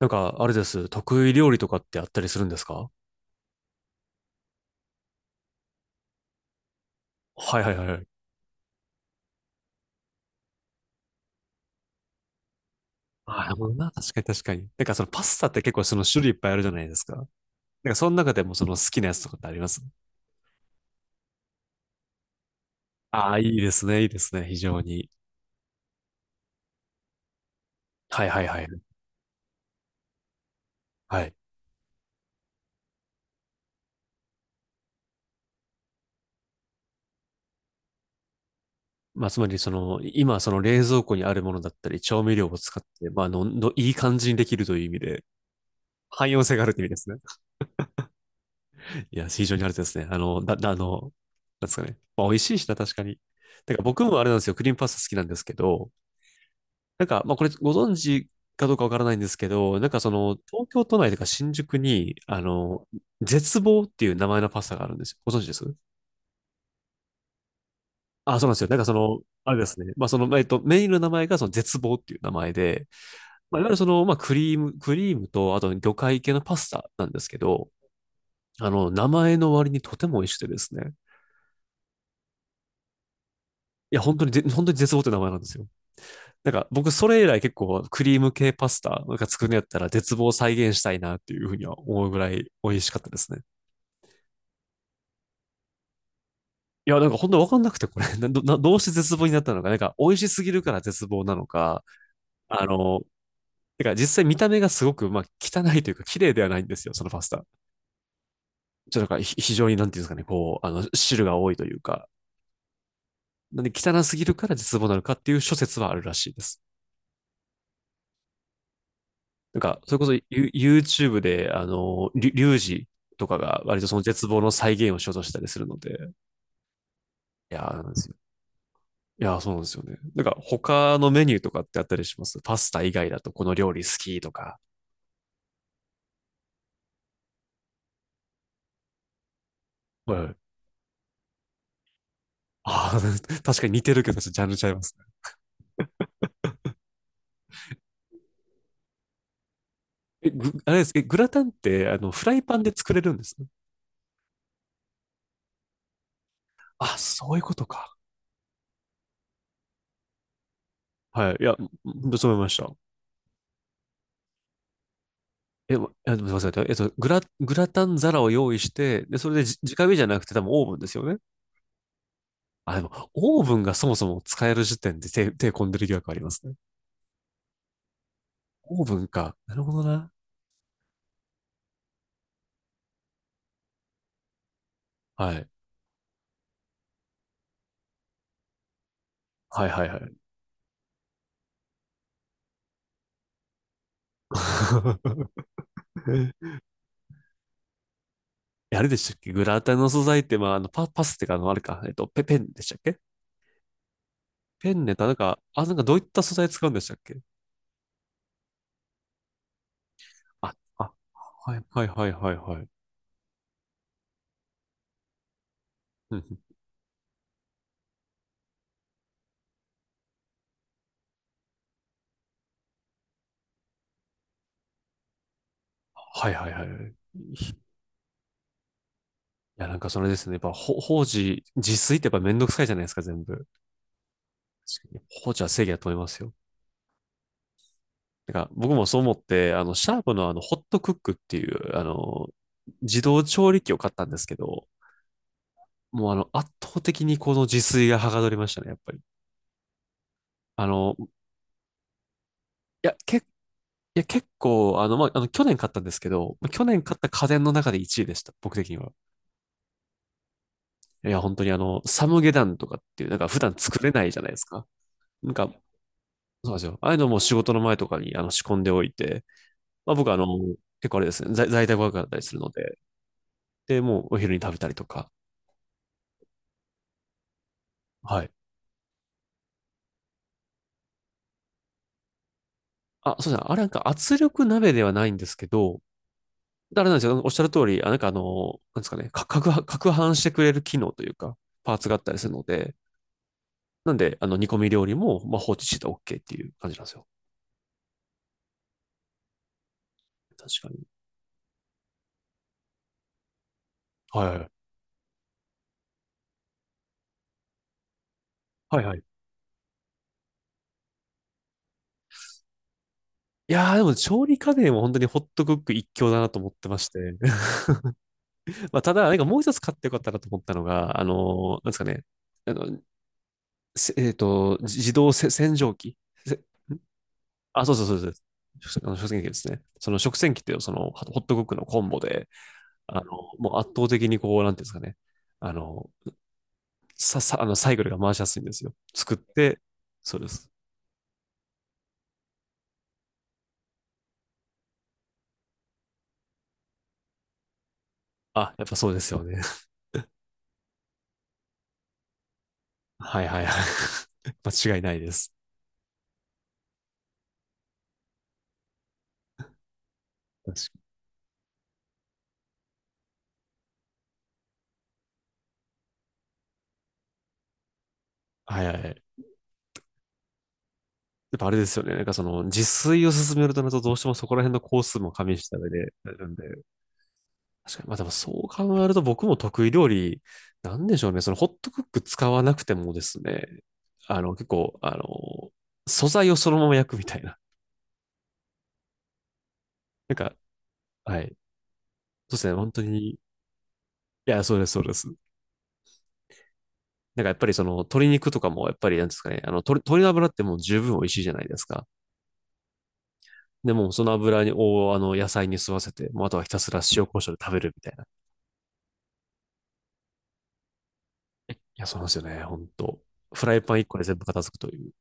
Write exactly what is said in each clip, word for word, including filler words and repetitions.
なんか、あれです。得意料理とかってあったりするんですか？はいはいはいはい。ああ、なるほどな。確かに確かに。なんかそのパスタって結構その種類いっぱいあるじゃないですか。なんかその中でもその好きなやつとかってあります？ああ、いいですね。いいですね。非常に。はいはいはい。はい。まあ、つまり、その、今、その冷蔵庫にあるものだったり、調味料を使って、まあ、あの、の、いい感じにできるという意味で、汎用性があるって意味ですね。いや、非常にあれですね。あの、だ、だあの、なんですかね。まあ、美味しいしな、確かに。てか僕もあれなんですよ。クリームパスタ好きなんですけど、なんか、まあ、これご存知かどうかわからないんですけど、なんかその、東京都内とか新宿に、あの、絶望っていう名前のパスタがあるんですよ。ご存知です？あ、そうなんですよ。なんかその、あれですね。まあ、その、えっと、メインの名前がその絶望っていう名前で、まあ、いわゆるその、まあ、クリーム、クリームと、あと魚介系のパスタなんですけど、あの、名前の割にとても美味しくてですね。いや、本当にぜ、本当に絶望って名前なんですよ。なんか僕それ以来結構クリーム系パスタなんか作るんやったら絶望再現したいなっていうふうには思うぐらい美味しかったですね。いや、なんか本当わかんなくてこれ など、などうして絶望になったのか、なんか美味しすぎるから絶望なのか、あの、てか実際見た目がすごく、まあ、汚いというか綺麗ではないんですよ、そのパスタ。ちょっとなんかひ非常になんていうんですかね、こう、あの、汁が多いというか、なんで汚すぎるから絶望なのかっていう諸説はあるらしいです。なんか、それこそユ YouTube で、あの、リュリュウジとかが割とその絶望の再現をしようとしたりするので、いやー、なんですよ。いやー、そうなんですよね。なんか、他のメニューとかってあったりします？パスタ以外だとこの料理好きとか。はい。ああ、確かに似てるけど、ちょっとジャンルちゃいますね。え、ぐ、あれです、え、グラタンって、あの、フライパンで作れるんですね。あ、そういうことか。はい。いや、ほんとそう思いました。え、まえすみません。えっと、グラ、グラタン皿を用意して、で、それでじ直火じゃなくて多分オーブンですよね。あ、でも、オーブンがそもそも使える時点で手、手込んでる疑惑ありますね。オーブンか。なるほどな。はい。はいはいはい。えあれでしたっけ？グラタンの素材って、まあ、あのパ、パスってか、あの、あれか、えっと、ペ、ペンでしたっけ？ペンネタ、なんか、あ、なんかどういった素材使うんでしたっけ？あ、あ、はいはいはいはいはい。うんうん。はいはいはいはい。いや、なんかそれですね。やっぱ、ほ、法事、自炊ってやっぱめんどくさいじゃないですか、全部。確かに法事は正義だと思いますよ。なんか僕もそう思って、あの、シャープのあの、ホットクックっていう、あの、自動調理器を買ったんですけど、もうあの、圧倒的にこの自炊がはかどりましたね、やっぱり。あの、いや、け、いや、結構、あの、まあ、あの、去年買ったんですけど、去年買った家電の中でいちいでした、僕的には。いや、本当にあの、サムゲタンとかっていう、なんか普段作れないじゃないですか。なんか、そうなんですよ。ああいうのも仕事の前とかにあの仕込んでおいて、まあ、僕はあの、結構あれですね、在在宅ワークだったりするので、で、もうお昼に食べたりとか、はい。あ、そうですね。あれなんか圧力鍋ではないんですけど、あれなんですよ。おっしゃる通り、あ、なんかあの、なんですかね、か、かくは、攪拌してくれる機能というか、パーツがあったりするので、なんで、あの、煮込み料理も、まあ、放置してたら OK っていう感じなんですよ。確かに。はいはい。はいはい。いやー、でも調理家電は本当にホットクック一強だなと思ってまして。まあ、ただ、なんかもう一つ買ってよかったなと思ったのが、あのーなんですかね、あの、せえっと、自自動せ洗浄機。あ、そうそうそうそう。食あの食洗機ですね。その食洗機ってそのホットクックのコンボで、あの、もう圧倒的にこう、なんていうんですかね。あの、さ、さ、あの、サイクルが回しやすいんですよ。作って、そうです。あ、やっぱそうですよね。はいはいはい。間違いないです。確かに。はいはいはい。やっぱあれですよね。なんかその、自炊を進めるとなると、どうしてもそこら辺の工数も加味した上で、なるんで、確かに。まあでもそう考えると僕も得意料理、なんでしょうね。そのホットクック使わなくてもですね、あの結構、あの、素材をそのまま焼くみたいな。なんか、はい。そうですね。本当に、いや、そうです、そうです。なんかやっぱりその鶏肉とかもやっぱりなんですかね、あの鶏、鶏の油ってもう十分美味しいじゃないですか。でもうその油に、をあの野菜に吸わせて、もうあとはひたすら塩コショウで食べるみたいな。いや、そうなんですよね。本当フライパン一個で全部片付くという。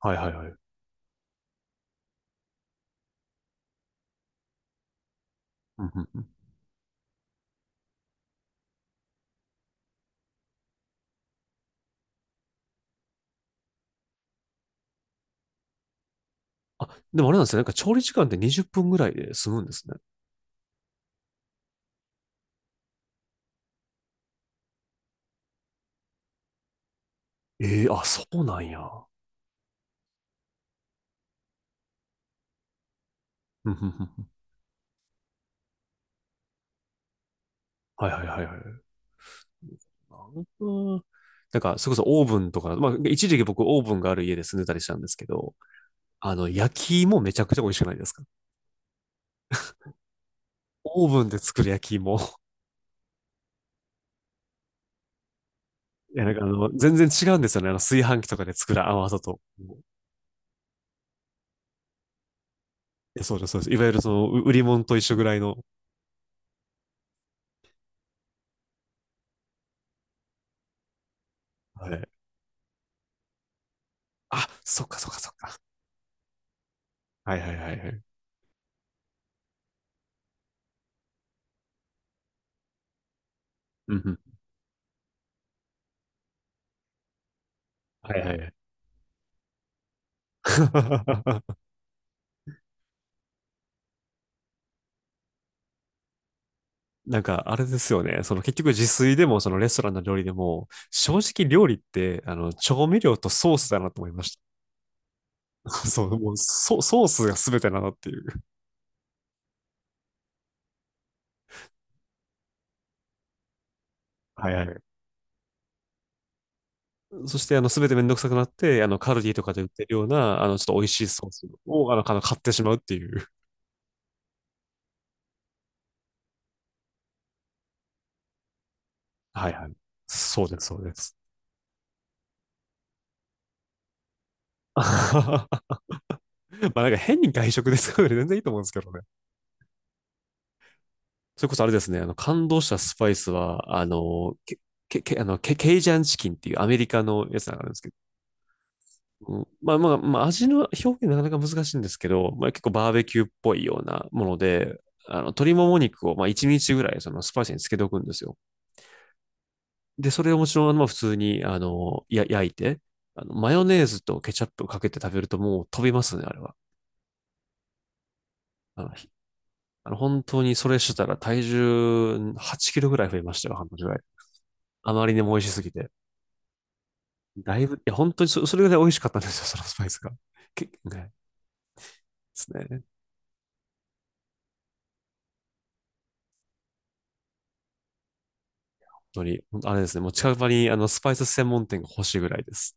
はいはいはい。うんうん。あ、でもあれなんですね。なんか調理時間ってにじゅっぷんぐらいで済むんですね。ええ、あ、そうなんや。うんうんうん。はいはいはいはい。なんか、なんかそれこそオーブンとか、まあ、一時期僕オーブンがある家で住んでたりしたんですけど、あの、焼き芋めちゃくちゃ美味しくないですか？オーブンで作る焼き芋。いや、なんかあの、全然違うんですよね。あの、炊飯器とかで作る甘さと。いやそうです、そうです。いわゆるその、う売り物と一緒ぐらいの。はい。あ、そっかそっかそっか。はいはいはいはい。うんうん。はいはいはい。なんか、あれですよね。その結局自炊でも、そのレストランの料理でも、正直料理って、あの、調味料とソースだなと思いました。そう、もうソ、ソースが全てだなっていう。はいはい。そして、あの、全てめんどくさくなって、あの、カルディとかで売ってるような、あの、ちょっと美味しいソースを、あの、かの買ってしまうっていう。はいはい。そうです、そうです。まあなんか変に外食ですから全然いいと思うんですけどね。それこそあれですね、あの感動したスパイスは、あの、け、け、けあの、ケ、ケイジャンチキンっていうアメリカのやつなんですけど、うん。まあまあ、まあ、味の表現なかなか難しいんですけど、まあ、結構バーベキューっぽいようなもので、あの、鶏もも肉を、まあ、いちにちぐらい、その、スパイスに漬けておくんですよ。で、それをもちろん、まあ、普通に、あの、や、焼いて、あの、マヨネーズとケチャップをかけて食べるともう飛びますね、あれは。あの、ひあの本当にそれしてたら体重はちキロぐらい増えましたよ、半年ぐらい。あまりにも美味しすぎて。だいぶ、いや、本当にそ、それぐらい美味しかったんですよ、そのスパイスが。け、ね、ですね。当に、あれですね、もう近場にあのスパイス専門店が欲しいぐらいです。